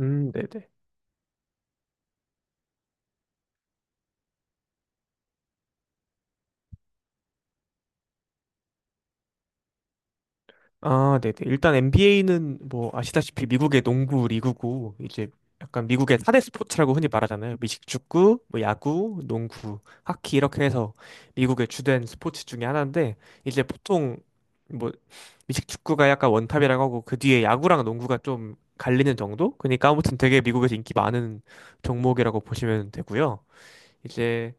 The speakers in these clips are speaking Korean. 네네. 아, 네네. 일단 NBA는 뭐 아시다시피 미국의 농구 리그고 이제 약간 미국의 4대 스포츠라고 흔히 말하잖아요. 미식축구, 뭐 야구, 농구, 하키 이렇게 해서 미국의 주된 스포츠 중에 하나인데 이제 보통 뭐 미식축구가 약간 원탑이라고 하고 그 뒤에 야구랑 농구가 좀 갈리는 정도? 그러니까 아무튼 되게 미국에서 인기 많은 종목이라고 보시면 되고요. 이제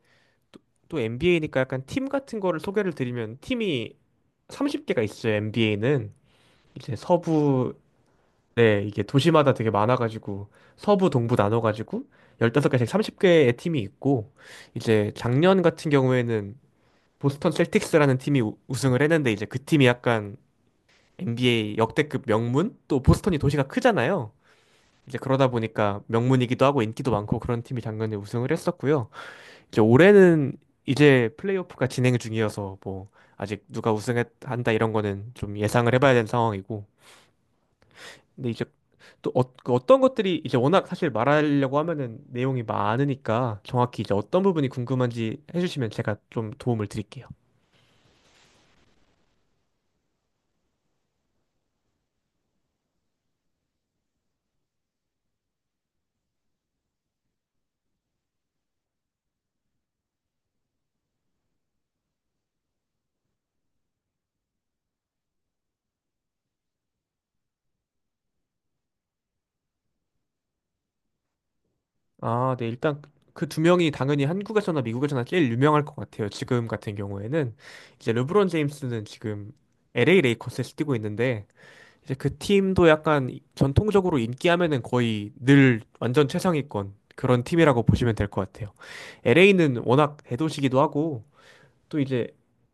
또 NBA니까 약간 팀 같은 거를 소개를 드리면 팀이 30개가 있어요. NBA는 이제 서부 네, 이게 도시마다 되게 많아가지고 서부 동부 나눠가지고 15개씩 30개의 팀이 있고 이제 작년 같은 경우에는 보스턴 셀틱스라는 팀이 우승을 했는데 이제 그 팀이 약간 NBA 역대급 명문? 또 보스턴이 도시가 크잖아요. 이제 그러다 보니까 명문이기도 하고 인기도 많고 그런 팀이 작년에 우승을 했었고요. 이제 올해는 이제 플레이오프가 진행 중이어서 뭐 아직 누가 우승한다 이런 거는 좀 예상을 해봐야 되는 상황이고. 근데 이제 또 그 어떤 것들이 이제 워낙 사실 말하려고 하면은 내용이 많으니까 정확히 이제 어떤 부분이 궁금한지 해주시면 제가 좀 도움을 드릴게요. 아, 네. 일단 그 두 명이 당연히 한국에서나 미국에서나 제일 유명할 것 같아요. 지금 같은 경우에는 이제 르브론 제임스는 지금 LA 레이커스에서 뛰고 있는데 이제 그 팀도 약간 전통적으로 인기하면은 거의 늘 완전 최상위권 그런 팀이라고 보시면 될 것 같아요. LA는 워낙 대도시기도 하고 또 이제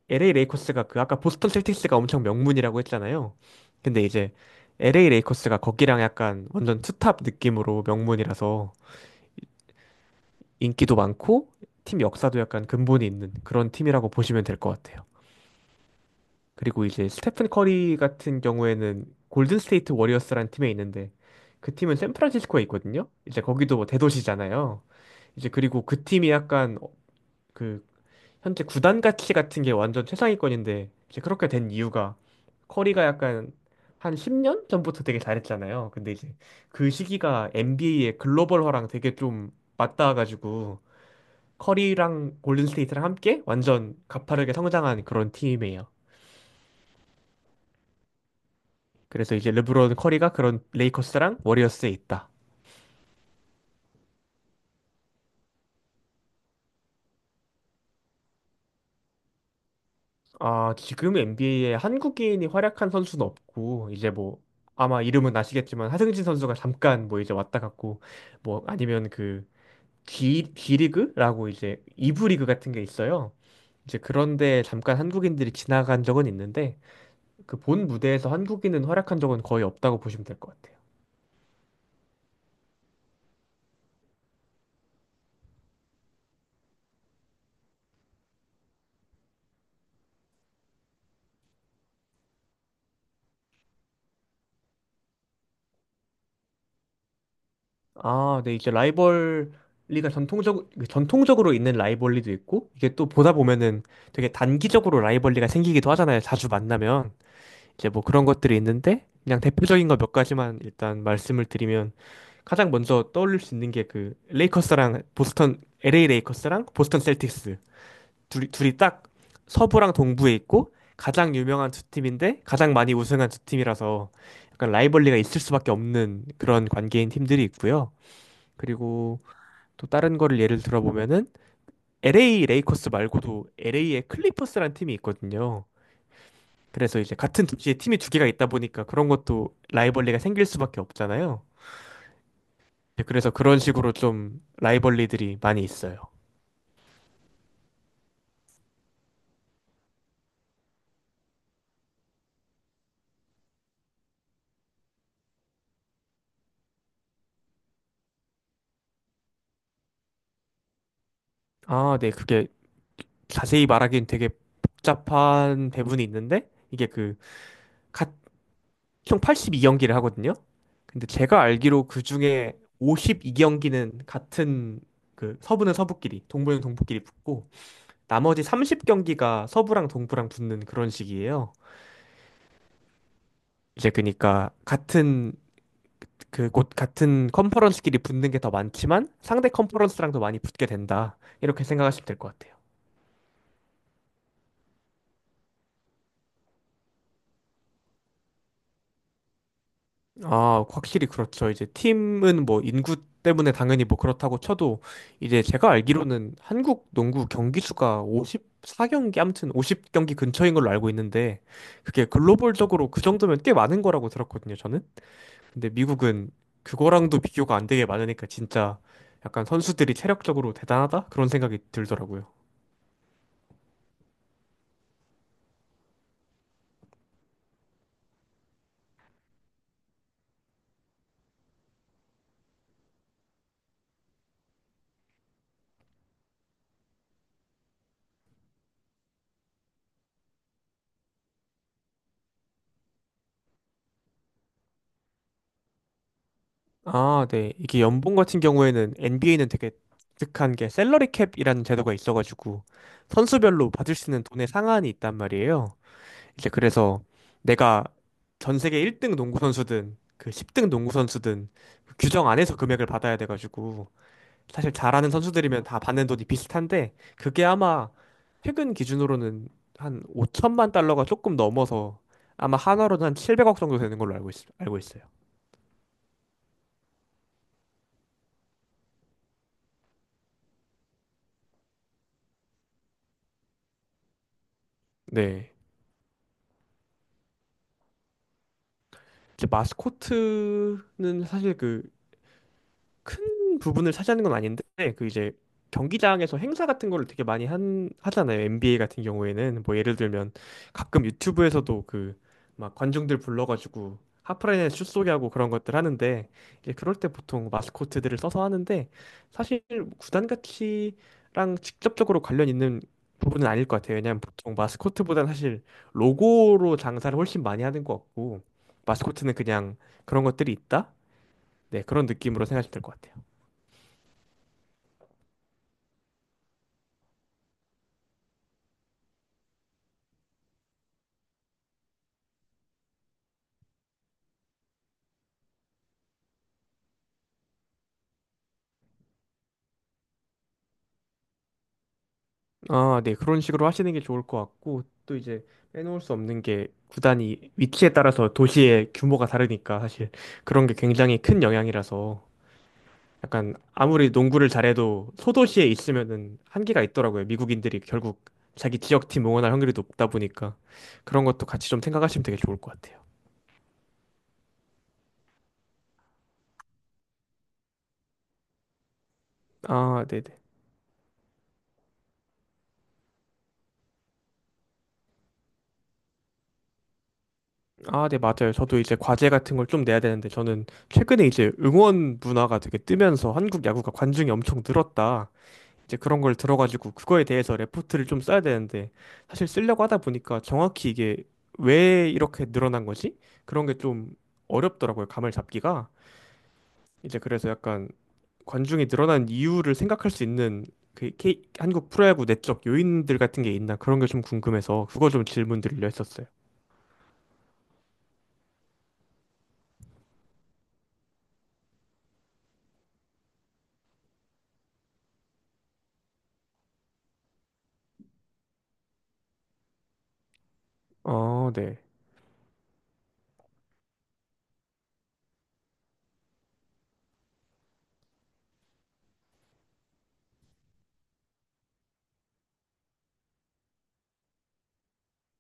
LA 레이커스가 그 아까 보스턴 셀틱스가 엄청 명문이라고 했잖아요. 근데 이제 LA 레이커스가 거기랑 약간 완전 투탑 느낌으로 명문이라서 인기도 많고 팀 역사도 약간 근본이 있는 그런 팀이라고 보시면 될 것 같아요. 그리고 이제 스테픈 커리 같은 경우에는 골든 스테이트 워리어스라는 팀에 있는데 그 팀은 샌프란시스코에 있거든요. 이제 거기도 뭐 대도시잖아요. 이제 그리고 그 팀이 약간 그 현재 구단 가치 같은 게 완전 최상위권인데 이제 그렇게 된 이유가 커리가 약간 한 10년 전부터 되게 잘했잖아요. 근데 이제 그 시기가 NBA의 글로벌화랑 되게 좀 맞닿아가지고 커리랑 골든 스테이트랑 함께 완전 가파르게 성장한 그런 팀이에요. 그래서 이제 르브론 커리가 그런 레이커스랑 워리어스에 있다. 아, 지금 NBA에 한국인이 활약한 선수는 없고, 이제 뭐, 아마 이름은 아시겠지만, 하승진 선수가 잠깐 뭐 이제 왔다 갔고, 뭐 아니면 그, D리그라고 이제 이 부 리그 같은 게 있어요. 이제 그런데 잠깐 한국인들이 지나간 적은 있는데, 그 본 무대에서 한국인은 활약한 적은 거의 없다고 보시면 될 것 같아요. 아, 네, 이제 라이벌리가 전통적으로 있는 라이벌리도 있고, 이게 또 보다 보면은 되게 단기적으로 라이벌리가 생기기도 하잖아요. 자주 만나면. 이제 뭐 그런 것들이 있는데, 그냥 대표적인 거 몇 가지만 일단 말씀을 드리면, 가장 먼저 떠올릴 수 있는 게 그, 레이커스랑 보스턴, LA 레이커스랑 보스턴 셀틱스. 둘이 딱 서부랑 동부에 있고, 가장 유명한 두 팀인데, 가장 많이 우승한 두 팀이라서, 약간 라이벌리가 있을 수밖에 없는 그런 관계인 팀들이 있고요. 그리고 또 다른 거를 예를 들어보면은 LA 레이커스 말고도 LA의 클리퍼스라는 팀이 있거든요. 그래서 이제 같은 도시에 팀이 두 개가 있다 보니까 그런 것도 라이벌리가 생길 수밖에 없잖아요. 네, 그래서 그런 식으로 좀 라이벌리들이 많이 있어요. 아, 네, 그게 자세히 말하기엔 되게 복잡한 배분이 있는데 이게 그 각 총 82경기를 하거든요. 근데 제가 알기로 그 중에 52경기는 같은 그 서부는 서부끼리, 동부는 동부끼리 붙고 나머지 30경기가 서부랑 동부랑 붙는 그런 식이에요. 이제 그니까 같은 그 곳 같은 컨퍼런스끼리 붙는 게 더 많지만 상대 컨퍼런스랑 더 많이 붙게 된다. 이렇게 생각하시면 될 것 같아요. 아, 확실히 그렇죠. 이제 팀은 뭐 인구 때문에 당연히 뭐 그렇다고 쳐도 이제 제가 알기로는 한국 농구 경기 수가 54경기 아무튼 50경기 근처인 걸로 알고 있는데 그게 글로벌적으로 그 정도면 꽤 많은 거라고 들었거든요, 저는. 근데 미국은 그거랑도 비교가 안 되게 많으니까 진짜 약간 선수들이 체력적으로 대단하다? 그런 생각이 들더라고요. 아, 네. 이게 연봉 같은 경우에는 NBA는 되게 독특한 게 셀러리 캡이라는 제도가 있어가지고 선수별로 받을 수 있는 돈의 상한이 있단 말이에요. 이제 그래서 내가 전 세계 1등 농구 선수든 그 10등 농구 선수든 그 규정 안에서 금액을 받아야 돼가지고 사실 잘하는 선수들이면 다 받는 돈이 비슷한데 그게 아마 최근 기준으로는 한 5천만 달러가 조금 넘어서 아마 한화로는 한 700억 정도 되는 걸로 알고 있어요. 네. 이제 마스코트는 사실 그 큰 부분을 차지하는 건 아닌데 그 이제 경기장에서 행사 같은 거를 되게 많이 한 하잖아요. NBA 같은 경우에는 뭐 예를 들면 가끔 유튜브에서도 그 막 관중들 불러가지고 하프라인에 슛 쏘게 하고 그런 것들 하는데 이제 그럴 때 보통 마스코트들을 써서 하는데 사실 구단 가치랑 직접적으로 관련 있는 부분은 아닐 것 같아요. 왜냐하면 보통 마스코트보다는 사실 로고로 장사를 훨씬 많이 하는 것 같고 마스코트는 그냥 그런 것들이 있다? 네, 그런 느낌으로 생각하시면 될 것 같아요. 아, 네. 그런 식으로 하시는 게 좋을 것 같고, 또 이제 빼놓을 수 없는 게 구단이 위치에 따라서 도시의 규모가 다르니까 사실 그런 게 굉장히 큰 영향이라서 약간 아무리 농구를 잘해도 소도시에 있으면은 한계가 있더라고요. 미국인들이 결국 자기 지역팀 응원할 확률이 높다 보니까 그런 것도 같이 좀 생각하시면 되게 좋을 것 같아요. 아, 네네. 아, 네, 맞아요. 저도 이제 과제 같은 걸 좀 내야 되는데 저는 최근에 이제 응원 문화가 되게 뜨면서 한국 야구가 관중이 엄청 늘었다. 이제 그런 걸 들어가지고 그거에 대해서 레포트를 좀 써야 되는데 사실 쓰려고 하다 보니까 정확히 이게 왜 이렇게 늘어난 거지? 그런 게 좀 어렵더라고요. 감을 잡기가. 이제 그래서 약간 관중이 늘어난 이유를 생각할 수 있는 그 한국 프로야구 내적 요인들 같은 게 있나 그런 게 좀 궁금해서 그거 좀 질문 드리려 했었어요. 어, 네.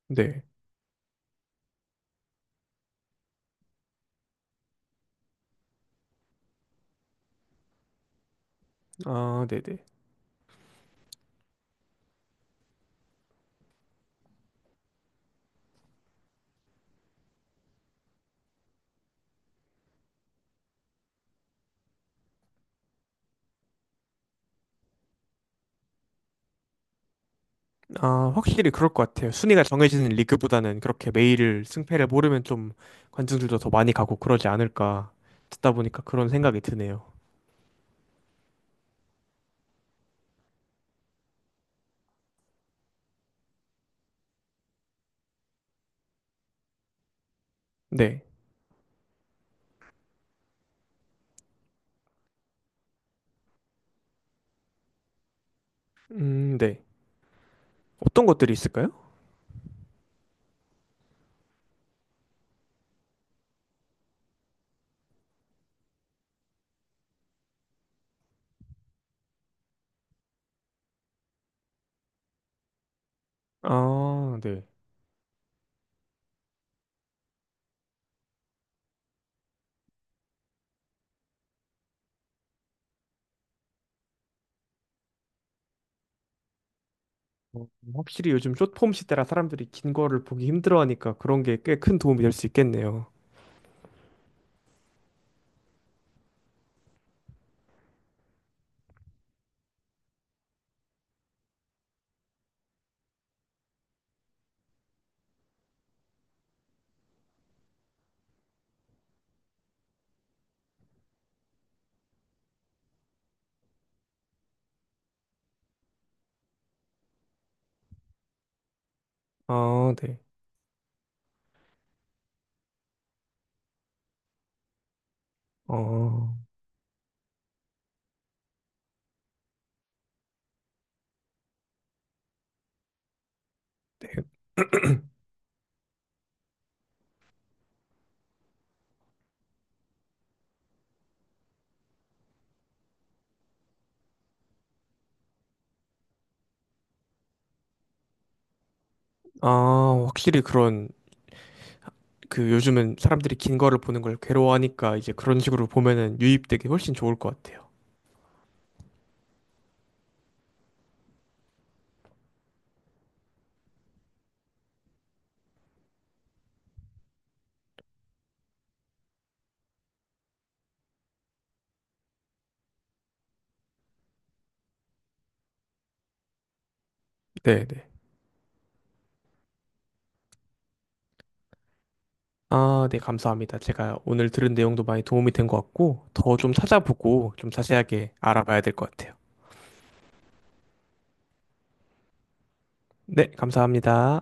네. 아, 네네. 아, 확실히 그럴 것 같아요. 순위가 정해지는 리그보다는 그렇게 매일 승패를 모르면 좀 관중들도 더 많이 가고 그러지 않을까 듣다 보니까 그런 생각이 드네요. 네. 네. 어떤 것들이 있을까요? 아, 네. 어, 확실히 요즘 숏폼 시대라 사람들이 긴 거를 보기 힘들어하니까 그런 게 꽤 큰 도움이 될 수 있겠네요. 아, 네. 어, 네. 아, 확실히 그런 그 요즘은 사람들이 긴 거를 보는 걸 괴로워하니까 이제 그런 식으로 보면은 유입되기 훨씬 좋을 것 같아요. 네, 네. 아, 네, 감사합니다. 제가 오늘 들은 내용도 많이 도움이 된 것 같고, 더 좀 찾아보고 좀 자세하게 알아봐야 될 것 같아요. 네, 감사합니다.